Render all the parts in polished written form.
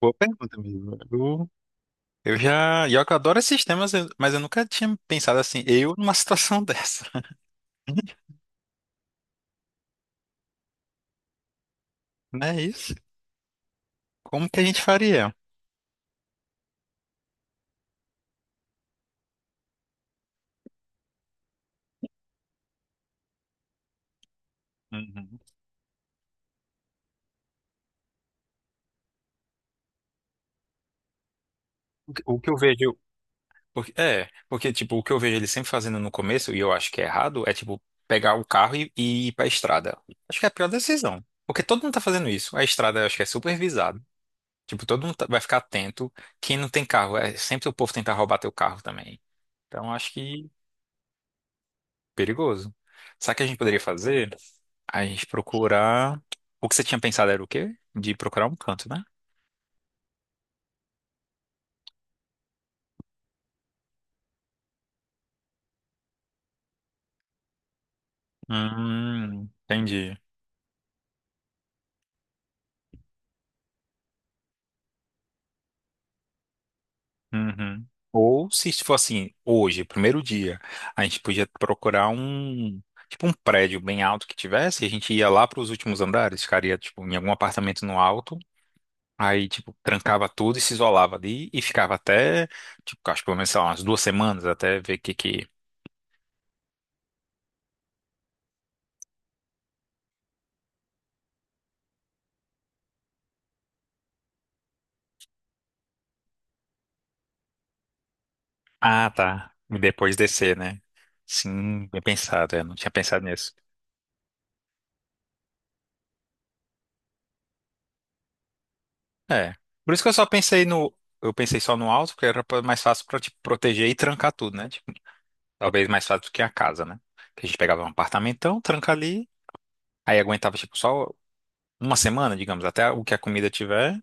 Boa pergunta mesmo. Eu já. E eu que adoro esses temas, mas eu nunca tinha pensado assim, eu numa situação dessa. Não é isso? Como que a gente faria? Uhum. O que eu vejo. É, porque, tipo, o que eu vejo eles sempre fazendo no começo, e eu acho que é errado, é, tipo, pegar o carro e ir pra estrada. Acho que é a pior decisão. Porque todo mundo tá fazendo isso. A estrada, eu acho que é supervisada. Tipo, todo mundo vai ficar atento. Quem não tem carro, é sempre o povo tentar roubar teu carro também. Então, acho que perigoso. Sabe o que a gente poderia fazer? A gente procurar. O que você tinha pensado era o quê? De procurar um canto, né? Entendi. Uhum. Ou se for assim, hoje, primeiro dia, a gente podia procurar um. Tipo um prédio bem alto que tivesse, e a gente ia lá para os últimos andares, ficaria tipo em algum apartamento no alto, aí tipo trancava tudo e se isolava ali e ficava até, tipo, acho que pelo menos sei lá, umas 2 semanas até ver o que que. Ah, tá. E depois descer, né? Sim, bem pensado. Eu não tinha pensado nisso. É. Por isso que eu só pensei no. Eu pensei só no alto, porque era mais fácil pra te proteger e trancar tudo, né? Tipo, talvez mais fácil do que a casa, né? Que a gente pegava um apartamentão, tranca ali, aí aguentava, tipo, só uma semana, digamos, até o que a comida tiver,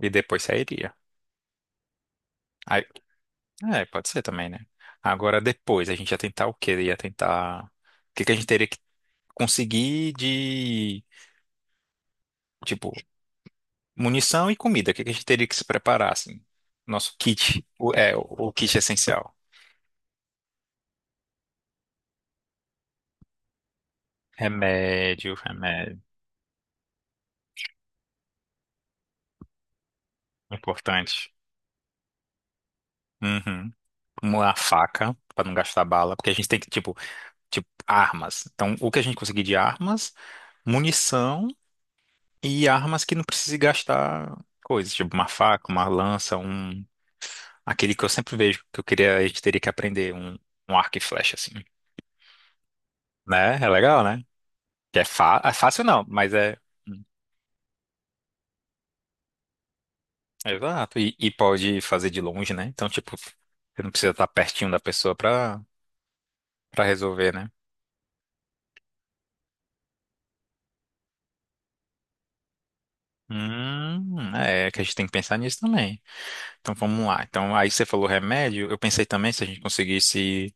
e depois sairia. Aí, é, pode ser também, né? Agora depois, a gente ia tentar o quê? Ia tentar. O que que a gente teria que conseguir de. Tipo, munição e comida. O que que a gente teria que se preparar, assim? Nosso kit. O kit essencial. Remédio, remédio. Importante. Uhum. Uma faca, para não gastar bala. Porque a gente tem que, tipo, armas. Então, o que a gente conseguir de armas, munição e armas que não precise gastar coisas. Tipo, uma faca, uma lança, um. Aquele que eu sempre vejo, que eu queria, a gente teria que aprender, um arco e flecha, assim. Né? É legal, né? Que é, é fácil não, mas é. Hum. Exato. E pode fazer de longe, né? Então, tipo, você não precisa estar pertinho da pessoa pra resolver, né? É que a gente tem que pensar nisso também. Então, vamos lá. Então, aí você falou remédio, eu pensei também se a gente conseguisse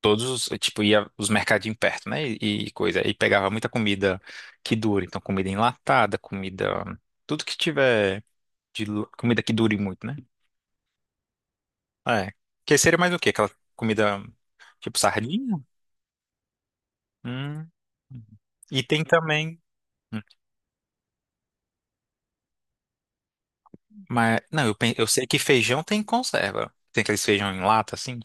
todos os, tipo, ia os mercadinhos perto, né? E coisa. E pegava muita comida que dure. Então, comida enlatada, comida, tudo que tiver comida que dure muito, né? É. Que seria mais o quê? Aquela comida tipo sardinha? Hum. E tem também. Mas, não, eu sei que feijão tem conserva. Tem aqueles feijão em lata, assim.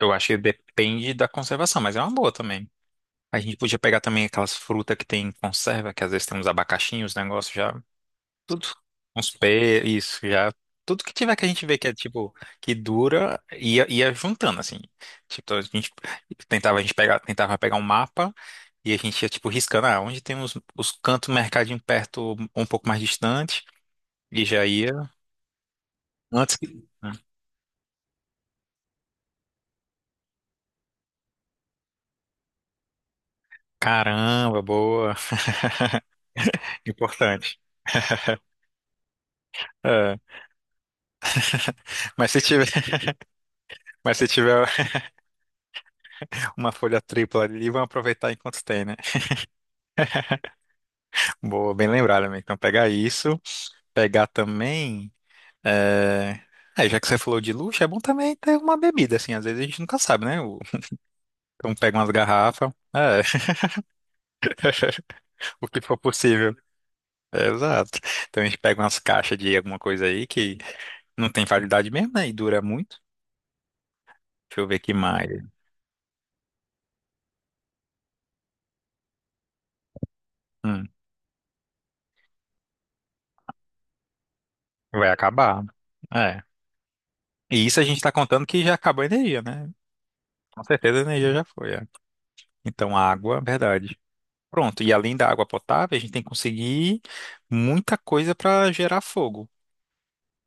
Eu acho que depende da conservação, mas é uma boa também. A gente podia pegar também aquelas frutas que tem conserva, que às vezes tem uns abacaxinhos, negócio já. Tudo. Uns pés, isso, já. Tudo que tiver que a gente vê que é tipo, que dura, ia juntando, assim. Tipo, então a gente tentava, a gente pegar, tentava pegar um mapa e a gente ia, tipo, riscando, ah, onde tem os cantos mercadinho perto, um pouco mais distante, e já ia. Antes que. Caramba, boa. Importante. É. Mas se tiver, mas se tiver uma folha tripla ali, vão aproveitar enquanto tem, né? Boa, bem lembrado, amigo. Então pegar isso, pegar também. É... é, já que você falou de luxo, é bom também ter uma bebida, assim. Às vezes a gente nunca sabe, né? Então pega umas garrafas, é, o que for possível. É, exato. Então a gente pega umas caixas de alguma coisa aí que não tem validade mesmo, né? E dura muito. Deixa eu ver que mais. Hum, vai acabar. É. E isso a gente está contando que já acabou a energia, né? Com certeza a energia já foi. É. Então, a água, verdade. Pronto. E além da água potável, a gente tem que conseguir muita coisa para gerar fogo.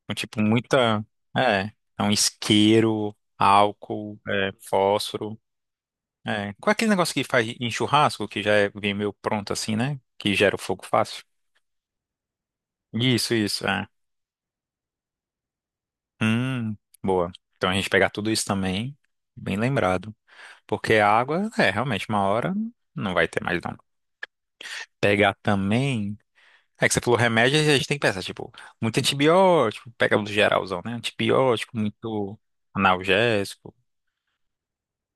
Então, tipo, muita. É. Então, isqueiro, álcool, é, fósforo. É. Qual é aquele negócio que faz em churrasco, que já é, vem meio pronto assim, né? Que gera o fogo fácil. Isso, é. Hum, boa. Então, a gente pegar tudo isso também, bem lembrado. Porque a água, é, realmente, uma hora não vai ter mais, não. Pegar também. É que você falou remédio, a gente tem que pensar, tipo, muito antibiótico, pega o geralzão, né? Antibiótico, muito analgésico,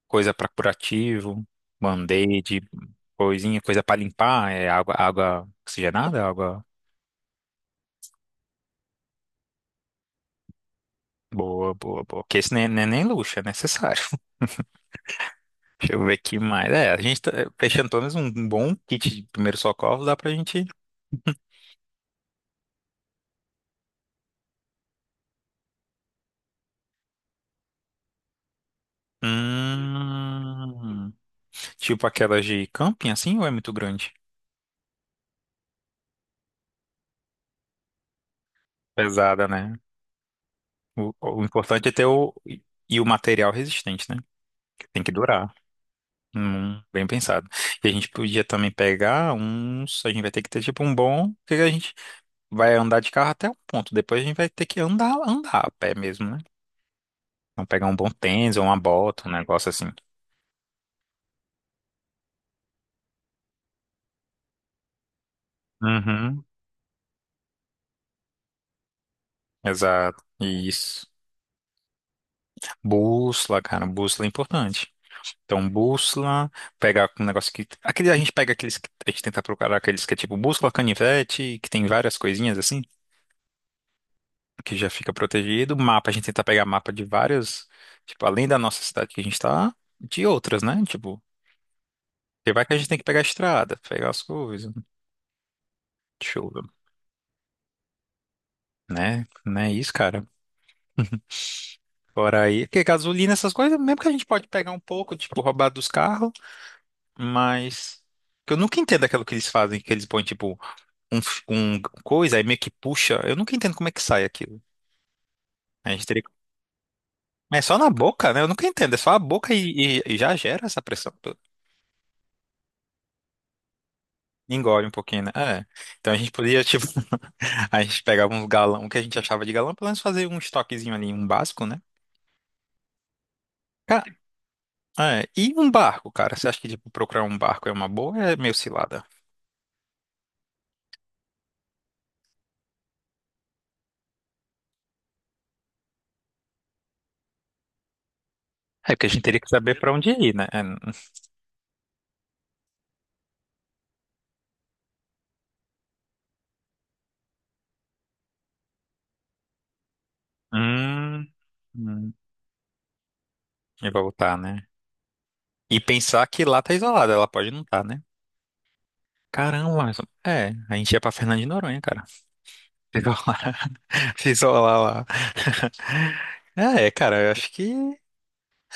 coisa pra curativo, band-aid, coisinha, coisa pra limpar, é água, água oxigenada, água boa, boa, boa. Porque esse nem, nem, nem luxo, é necessário. Deixa eu ver aqui mais. É, a gente tá fechando pelo menos um bom kit de primeiro socorro, dá pra gente. Hum, tipo aquelas de camping, assim, ou é muito grande? Pesada, né? O importante é ter o. E o material resistente, né? Que tem que durar. Bem pensado. E a gente podia também pegar uns. A gente vai ter que ter tipo um bom. Porque a gente vai andar de carro até um ponto. Depois a gente vai ter que andar, andar a pé mesmo, né? Então pegar um bom tênis ou uma bota, um negócio assim. Uhum. Exato. Isso. Bússola, cara. Bússola é importante. Então, bússola, pegar um negócio que. Aquele, a gente pega aqueles que a gente tenta procurar aqueles que é tipo bússola, canivete, que tem várias coisinhas assim, que já fica protegido. Mapa, a gente tenta pegar mapa de várias, tipo, além da nossa cidade que a gente tá, de outras, né? Tipo, porque vai que a gente tem que pegar a estrada, pegar as coisas, chuva, né? Não é isso, cara. Fora aí, porque gasolina, essas coisas, mesmo que a gente pode pegar um pouco, tipo, roubar dos carros, mas. Que eu nunca entendo aquilo que eles fazem, que eles põem, tipo. um coisa, aí meio que puxa. Eu nunca entendo como é que sai aquilo. A gente teria. Mas é só na boca, né? Eu nunca entendo. É só a boca e já gera essa pressão toda. Engole um pouquinho, né? É. Então a gente podia, tipo, a gente pegava uns galão, o que a gente achava de galão, pelo menos fazer um estoquezinho ali, um básico, né? Ca- É. E um barco, cara? Você acha que, tipo, procurar um barco é uma boa ou é meio cilada? É, porque a gente teria que saber pra onde ir, né? É. Hum, hum, eu voltar, né? E pensar que lá tá isolada, ela pode não estar, né? Caramba, mas é, a gente ia pra Fernando de Noronha, cara. Se isolar, se isolar lá. É, cara, eu acho que.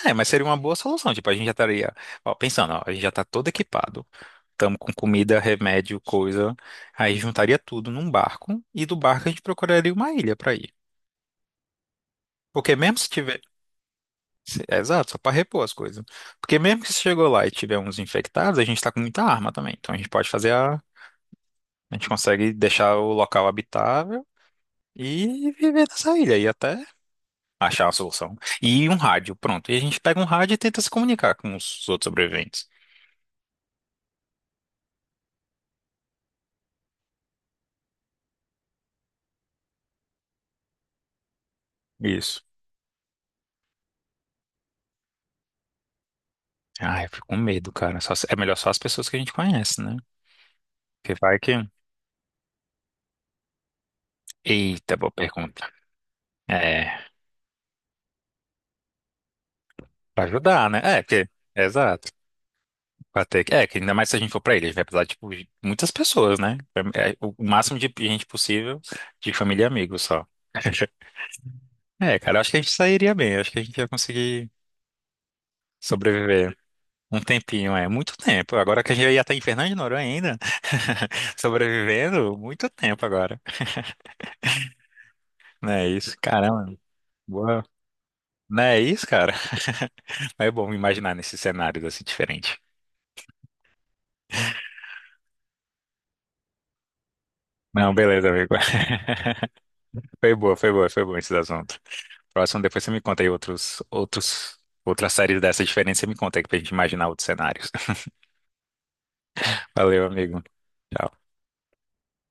É, mas seria uma boa solução. Tipo, a gente já estaria. Ó, pensando, ó, a gente já tá todo equipado. Estamos com comida, remédio, coisa. Aí juntaria tudo num barco. E do barco a gente procuraria uma ilha pra ir. Porque mesmo se tiver. É, exato, só pra repor as coisas. Porque mesmo que se chegou lá e tiver uns infectados, a gente tá com muita arma também. Então a gente pode fazer a. A gente consegue deixar o local habitável. E viver nessa ilha e até achar a solução. E um rádio, pronto. E a gente pega um rádio e tenta se comunicar com os outros sobreviventes. Isso. Ai, eu fico com medo, cara. Só se- é melhor só as pessoas que a gente conhece, né? Porque vai que. Eita, boa pergunta. É, pra ajudar, né? É, porque. Exato. Pra ter. É, que ainda mais se a gente for pra ilha, a gente vai precisar, tipo, de muitas pessoas, né? É, é, o máximo de gente possível, de família e amigos só. É, cara, eu acho que a gente sairia bem, eu acho que a gente ia conseguir sobreviver. Um tempinho, é muito tempo. Agora que a gente ia estar em Fernando de Noronha ainda, sobrevivendo, muito tempo agora. Não é isso? Caramba, boa. Não é isso, cara? É bom imaginar nesses cenários assim diferentes. Não, beleza, amigo. Foi boa, foi boa, foi bom esses assuntos. Próximo, depois você me conta aí outros, outros, outras séries dessa diferença, você me conta aí pra gente imaginar outros cenários. Valeu, amigo. Tchau.